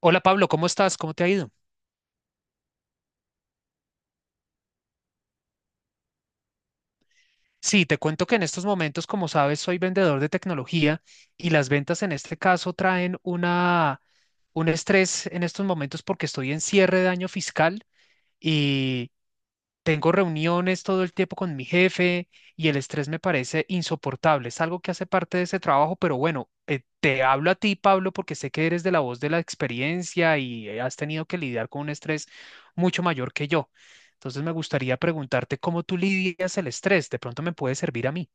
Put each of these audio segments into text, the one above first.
Hola Pablo, ¿cómo estás? ¿Cómo te ha ido? Sí, te cuento que en estos momentos, como sabes, soy vendedor de tecnología y las ventas en este caso traen un estrés en estos momentos porque estoy en cierre de año fiscal. Tengo reuniones todo el tiempo con mi jefe y el estrés me parece insoportable. Es algo que hace parte de ese trabajo, pero bueno, te hablo a ti, Pablo, porque sé que eres de la voz de la experiencia y has tenido que lidiar con un estrés mucho mayor que yo. Entonces me gustaría preguntarte cómo tú lidias el estrés. De pronto me puede servir a mí.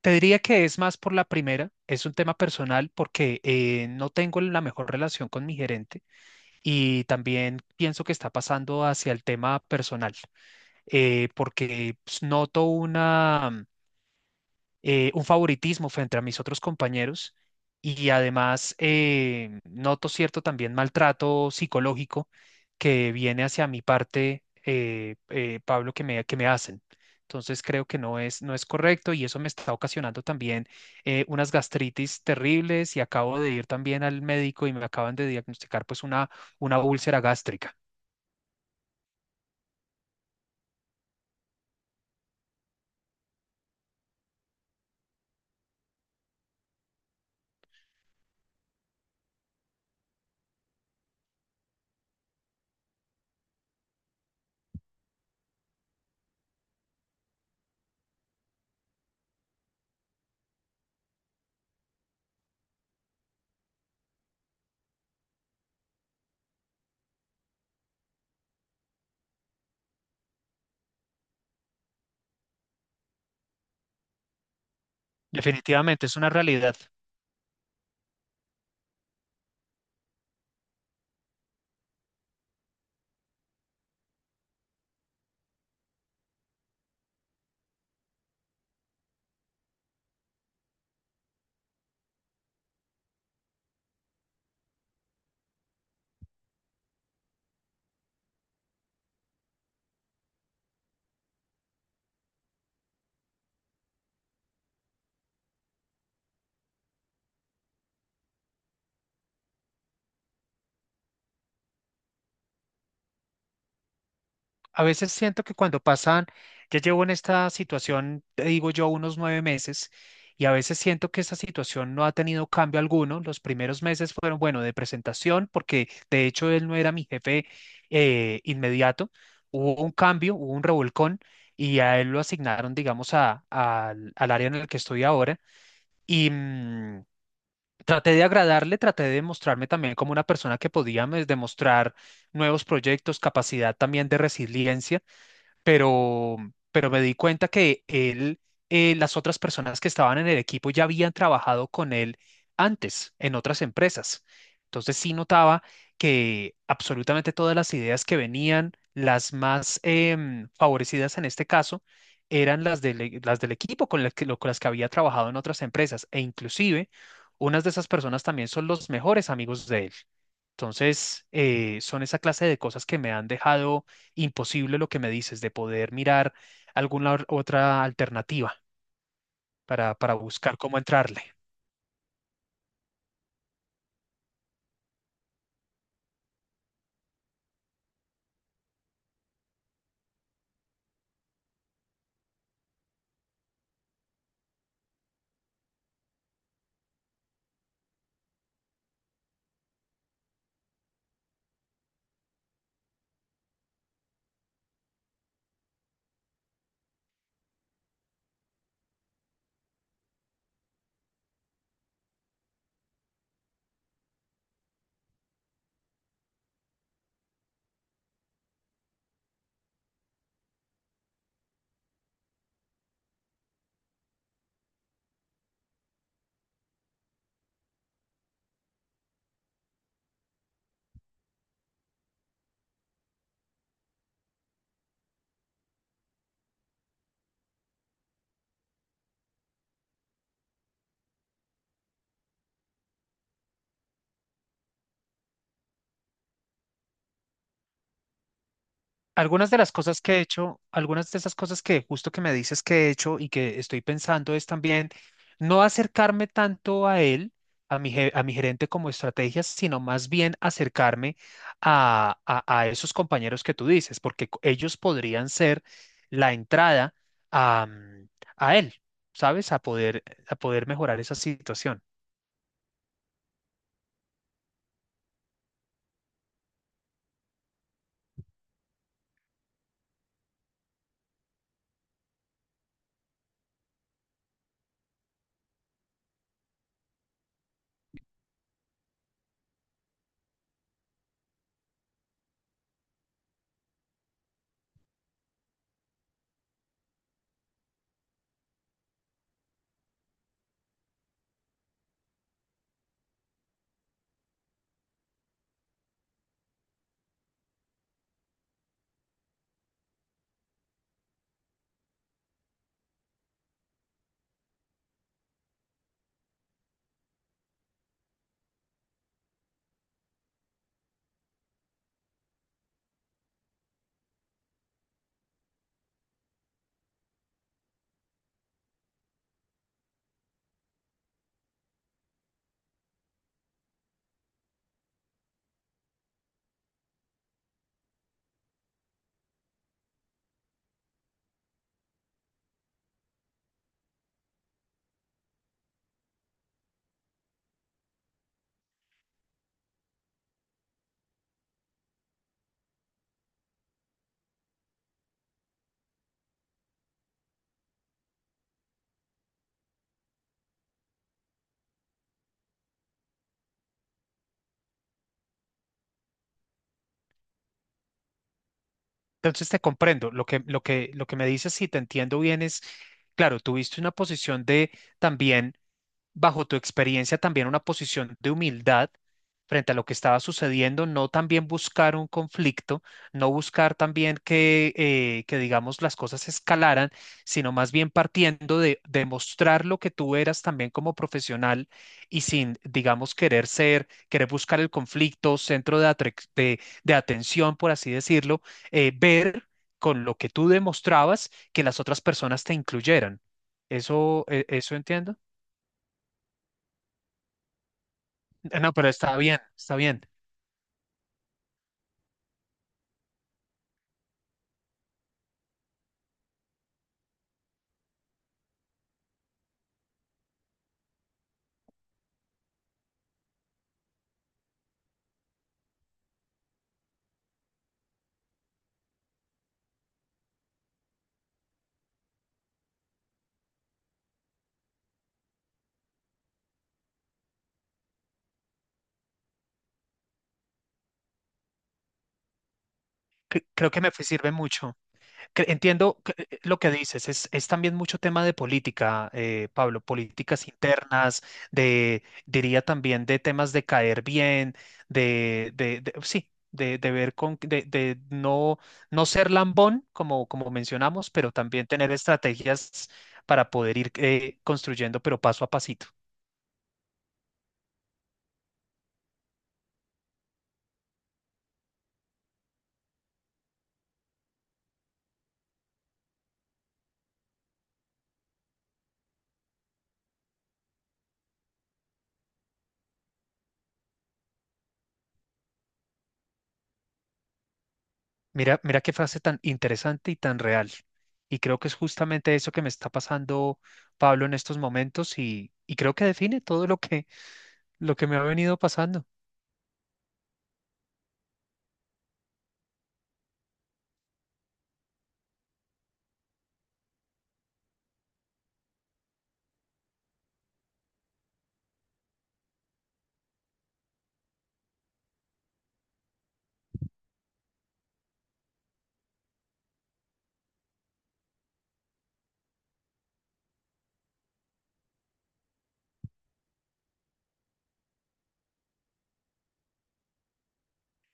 Te diría que es más por la primera, es un tema personal porque no tengo la mejor relación con mi gerente y también pienso que está pasando hacia el tema personal. Porque pues, noto un favoritismo frente a mis otros compañeros, y además noto cierto también maltrato psicológico que viene hacia mi parte, Pablo, que me hacen. Entonces creo que no es correcto, y eso me está ocasionando también unas gastritis terribles, y acabo de ir también al médico y me acaban de diagnosticar pues una úlcera gástrica. Definitivamente es una realidad. A veces siento que ya llevo en esta situación, te digo yo, unos 9 meses, y a veces siento que esa situación no ha tenido cambio alguno. Los primeros meses fueron, bueno, de presentación, porque de hecho él no era mi jefe inmediato. Hubo un cambio, hubo un revolcón, y a él lo asignaron, digamos, al al área en el que estoy ahora. Y traté de agradarle, traté de mostrarme también como una persona que podía demostrar nuevos proyectos, capacidad también de resiliencia, pero, pero me di cuenta que las otras personas que estaban en el equipo ya habían trabajado con él antes en otras empresas. Entonces sí notaba que absolutamente todas las ideas que venían, las más favorecidas en este caso, eran las del equipo con las que había trabajado en otras empresas, e inclusive unas de esas personas también son los mejores amigos de él. Entonces, son esa clase de cosas que me han dejado imposible lo que me dices, de poder mirar otra alternativa para buscar cómo entrarle. Algunas de las cosas que he hecho, algunas de esas cosas que justo que me dices que he hecho y que estoy pensando es también no acercarme tanto a él, a mi gerente como estrategias, sino más bien acercarme a esos compañeros que tú dices, porque ellos podrían ser la entrada a, mm, a él, ¿sabes? A poder mejorar esa situación. Entonces te comprendo. Lo que me dices, si te entiendo bien, es, claro, tuviste una posición de también, bajo tu experiencia, también una posición de humildad frente a lo que estaba sucediendo, no también buscar un conflicto, no buscar también que digamos, las cosas escalaran, sino más bien partiendo de demostrar lo que tú eras también como profesional y sin, digamos, querer buscar el conflicto, centro de atención, por así decirlo, ver con lo que tú demostrabas que las otras personas te incluyeran. ¿Eso, eso entiendo? No, pero está bien, está bien. Creo que sirve mucho. Entiendo lo que dices. Es también mucho tema de política, Pablo, políticas internas, diría también de temas de caer bien, sí, de ver de no, no ser lambón, como, como mencionamos, pero también tener estrategias para poder ir construyendo, pero paso a pasito. Mira, mira qué frase tan interesante y tan real. Y creo que es justamente eso que me está pasando, Pablo, en estos momentos, y creo que define todo lo que me ha venido pasando.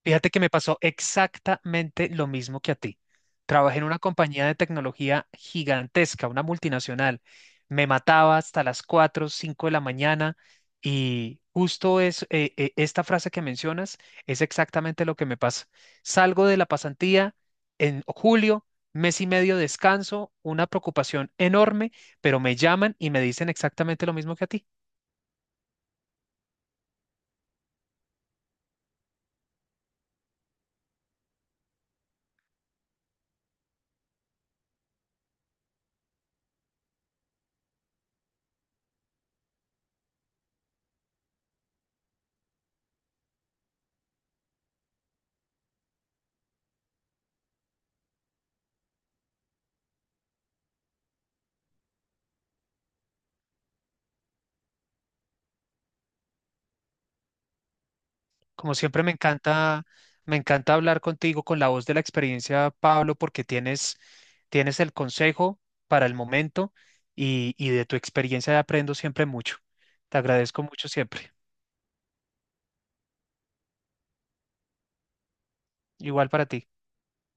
Fíjate que me pasó exactamente lo mismo que a ti. Trabajé en una compañía de tecnología gigantesca, una multinacional. Me mataba hasta las 4, 5 de la mañana, y justo es esta frase que mencionas es exactamente lo que me pasa. Salgo de la pasantía en julio, mes y medio descanso, una preocupación enorme, pero me llaman y me dicen exactamente lo mismo que a ti. Como siempre, me encanta hablar contigo con la voz de la experiencia, Pablo, porque tienes el consejo para el momento, y de tu experiencia aprendo siempre mucho. Te agradezco mucho siempre. Igual para ti.